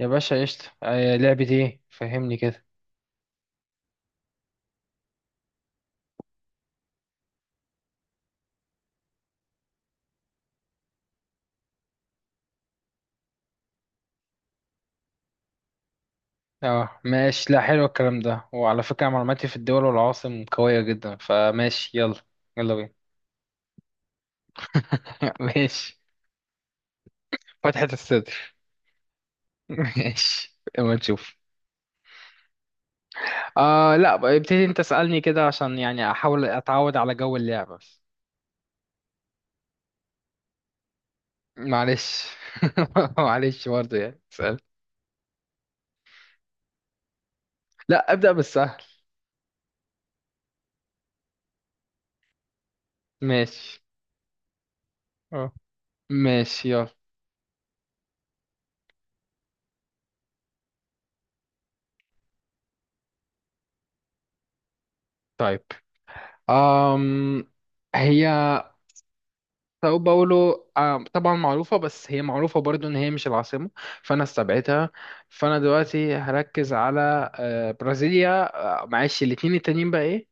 يا باشا، قشطة. لعبة ايه؟ فهمني كده. اه، ماشي. لا، حلو الكلام ده. وعلى فكرة، معلوماتي في الدول والعواصم قوية جدا، فماشي يلا. يلا بينا. ماشي. فتحة الصدر. ماشي اما نشوف. لا، بقى ابتدي انت. اسألني كده عشان يعني احاول اتعود على جو اللعبة. معلش. معلش برضه، يعني اسأل. لا، ابدأ بالسهل. ماشي. اه. ماشي يلا. طيب، أم هي ساو باولو. طبعا معروفة، بس هي معروفة برضو ان هي مش العاصمة. فانا استبعدتها. فانا دلوقتي هركز على برازيليا. معلش، الاتنين التانيين بقى ايه؟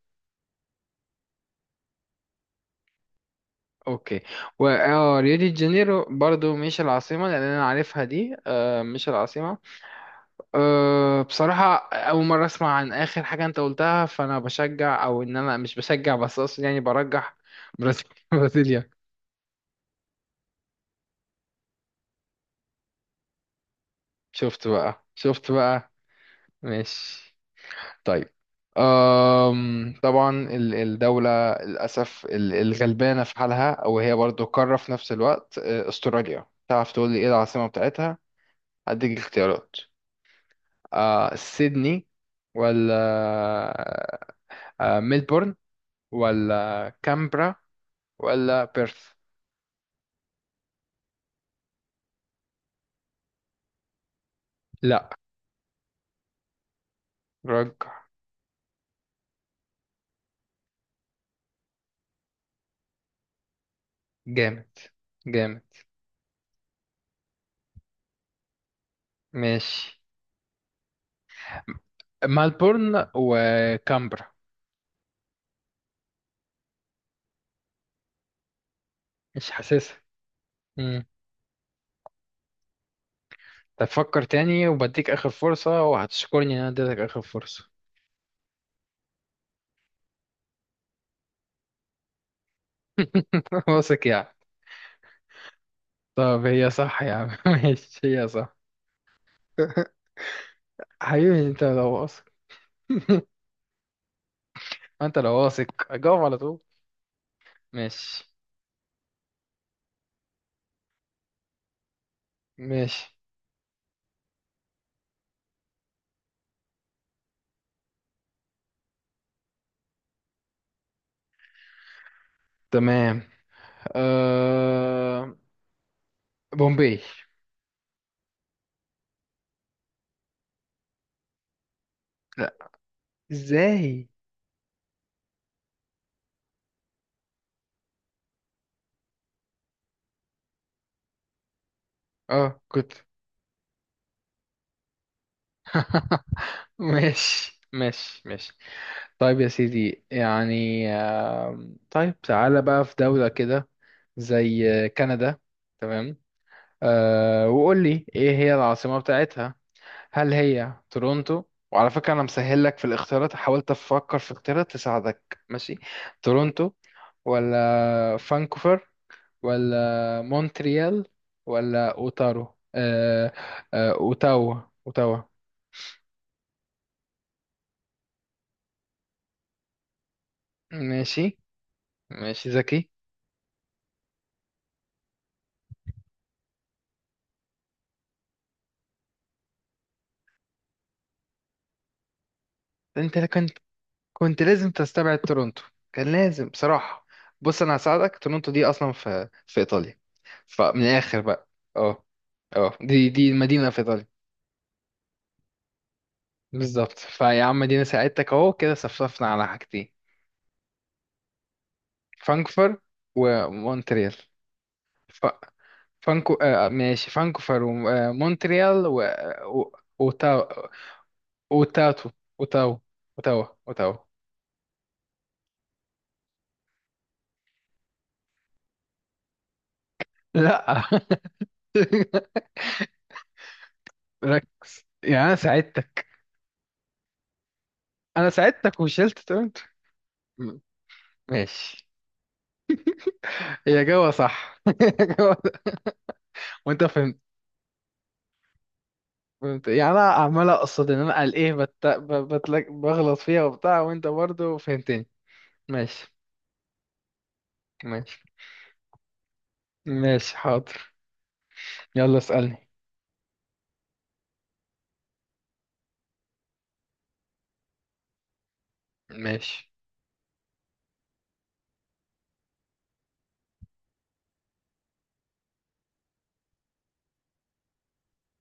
اوكي. و ريو دي جانيرو برضو مش العاصمة، لان انا عارفها دي مش العاصمة. بصراحة اول مرة اسمع عن اخر حاجة انت قلتها. فانا بشجع، او ان انا مش بشجع، بس اقصد يعني برجح. برازيليا. برازيليا. شفت بقى، شفت بقى. ماشي. طيب، طبعا الدولة للأسف الغلبانة في حالها، أو هي برضو قارة في نفس الوقت، أستراليا، تعرف تقول لي إيه العاصمة بتاعتها؟ هديك اختيارات. سيدني، ولا ميلبورن، ولا كامبرا، ولا بيرث؟ لا. رجع. جامد. جامد. ماشي. ملبورن وكامبرا. مش حاسسها. طب فكر تاني، وبديك آخر فرصة، وهتشكرني إن أنا اديتك آخر فرصة. واثق يعني؟ طب هي صح يا عم. ماشي، هي صح. حبيبي، أنت لو واثق. أنت لو واثق أجاوب على طول. ماشي. ماشي. تمام. أه... بومبي. لا. ازاي؟ اه، كنت. ماشي، ماشي، ماشي. طيب يا سيدي، يعني طيب تعالى بقى في دولة كده، زي كندا، تمام. وقول لي ايه هي العاصمة بتاعتها؟ هل هي تورونتو؟ وعلى فكرة، انا مسهل لك في الاختيارات، حاولت افكر في اختيارات تساعدك، ماشي؟ تورونتو، ولا فانكوفر، ولا مونتريال، ولا اوتارو أه أه اوتاوا. اوتاوا. ماشي. ماشي، ذكي. انت كنت لازم تستبعد تورونتو. كان لازم بصراحة. بص انا هساعدك، تورونتو دي اصلا في ايطاليا. فمن الاخر بقى. اه. اه، دي مدينة في ايطاليا. بالظبط، فيا عم دينا ساعدتك، اهو كده صفصفنا على حاجتين. فانكفر، ومونتريال. ف... فانكو آه ماشي، فانكفر، ومونتريال، و... وتاو، وتاتو، وتاو، وتاو، وتاو. لا. ركز، يعني انا ساعدتك. انا ساعدتك وشلت. م- ماشي. هي جوه صح. هي جوه. وانت فهمت. فهمت، يعني انا عمال اقصد ان انا قال ايه، بغلط فيها وبتاع، وانت برضو فهمتني. ماشي. ماشي. ماشي، حاضر. يلا اسألني. ماشي.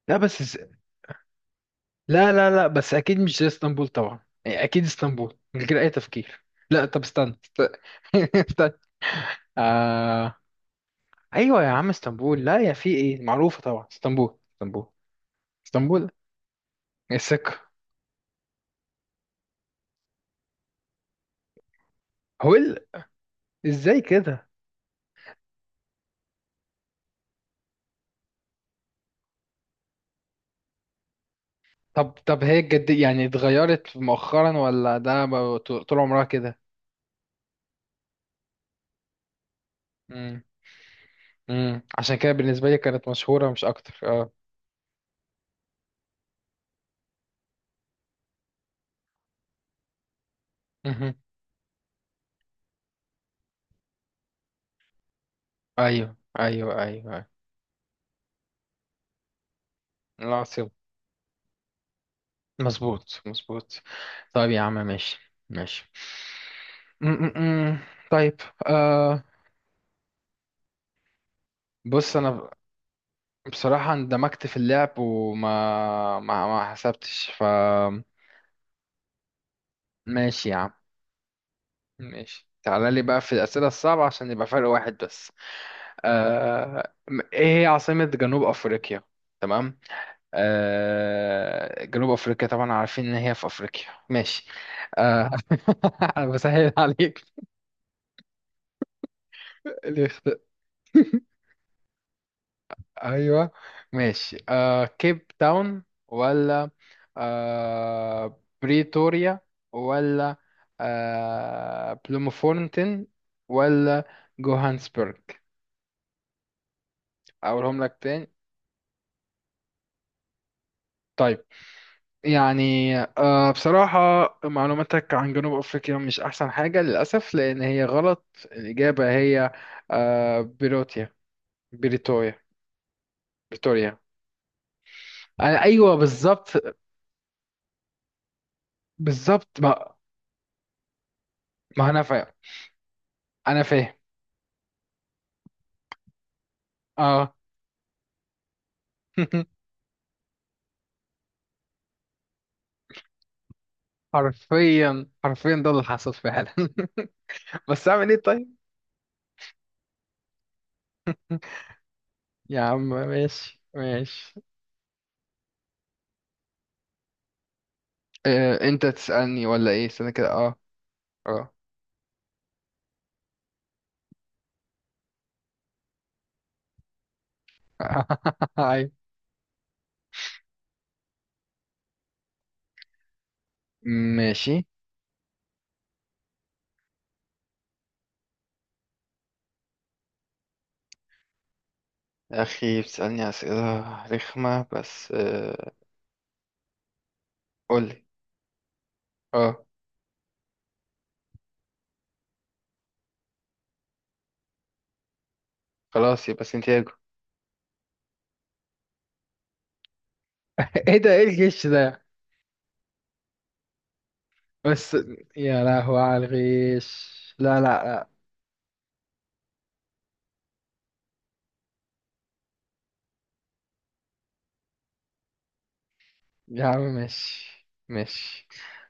لا بس لا، لا، لا، بس اكيد مش زي اسطنبول طبعا. يعني اكيد اسطنبول من غير اي تفكير. لا طب استنى. استنى. آه... ايوه يا عم، اسطنبول. لا يا في ايه معروفة طبعا، اسطنبول، اسطنبول. اسطنبول. إيه، السكة. هو إيه ازاي كده؟ طب هي الجد يعني اتغيرت مؤخرا، ولا ده طول طول عمرها كده؟ امم عشان كده بالنسبة لي كانت مشهورة مش اكتر. اه. مهم. ايوه، ايوه، ايوه، ايوه. العاصمة. مظبوط، مظبوط. طيب يا عم، ماشي. ماشي. امم طيب. آه بص، انا بصراحة اندمجت في اللعب، وما ما حسبتش ماشي يا عم. ماشي، تعالى لي بقى في الأسئلة الصعبة عشان يبقى فرق واحد بس. آه، ايه هي عاصمة جنوب افريقيا؟ تمام. جنوب افريقيا، طبعا عارفين ان هي في افريقيا. ماشي. آه، انا بسهل عليك. اللي يخت- ايوه. ماشي، كيب تاون، ولا بريتوريا، ولا بلومفونتين، ولا جوهانسبرج؟ اقولهم لك تاني؟ طيب. يعني بصراحة، معلوماتك عن جنوب أفريقيا مش أحسن حاجة للأسف، لأن هي غلط. الإجابة هي آه، بيروتيا بريتوريا. بريتوريا. أنا، أيوه، بالظبط. بالظبط ما أنا فاهم. أنا فاهم. أه. حرفيا، حرفيا، ده اللي حصل فعلا. بس أعمل إيه طيب؟ يا عم، ماشي، ماشي. أنت تسألني ولا إيه؟ استنى كده. أه. أه. أيوة. ماشي. يا أخي، بتسألني أسئلة رخمة بس. قولي. اه. خلاص يبقى سنتياجو. ايه ده؟ ايه الغش ده؟ بس. يا لهوي على الغش، لا، لا، لا. يا عم مش. مش.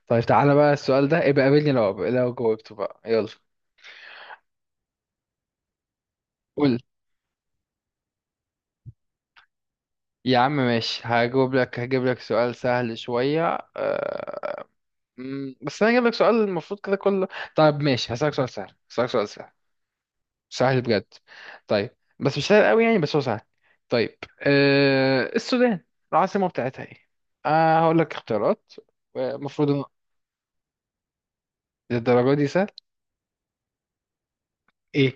طيب، تعالى بقى السؤال ده، ابقى قابلني لو جاوبته بقى، يلا. قول. يا عم ماشي، هجاوب لك، هجيب لك سؤال سهل شوية. بس انا هجيب لك سؤال المفروض كده كله. طيب ماشي، هسألك سؤال سهل، هسألك سؤال سهل. سهل بجد. طيب، بس مش سهل قوي يعني، بس هو سهل. طيب، السودان، العاصمة بتاعتها ايه؟ هقول لك اختيارات. المفروض ان الدرجة دي سهل. ايه؟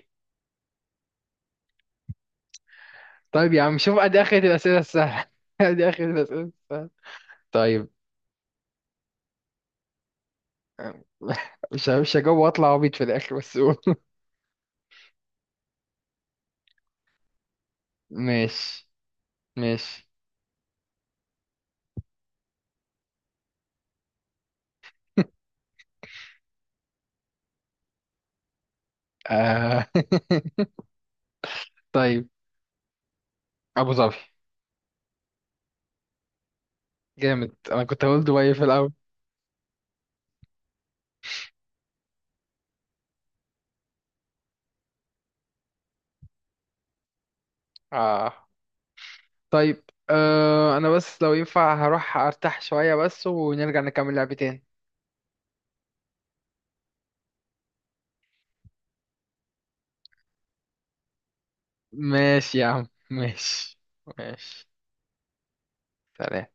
طيب يا عم، شوف ادي اخرة الأسئلة السهلة. ادي اخرة الأسئلة السهلة. طيب. آه، مش هجاوب واطلع عبيط في الاخر، بس قول. ماشي. ماشي. آه. طيب. ابو ظبي. جامد، انا كنت هقول دبي في الاول. آه. طيب، انا بس لو ينفع هروح ارتاح شوية بس، ونرجع نكمل لعبتين. ماشي يا عم، ماشي. ماشي. سلام.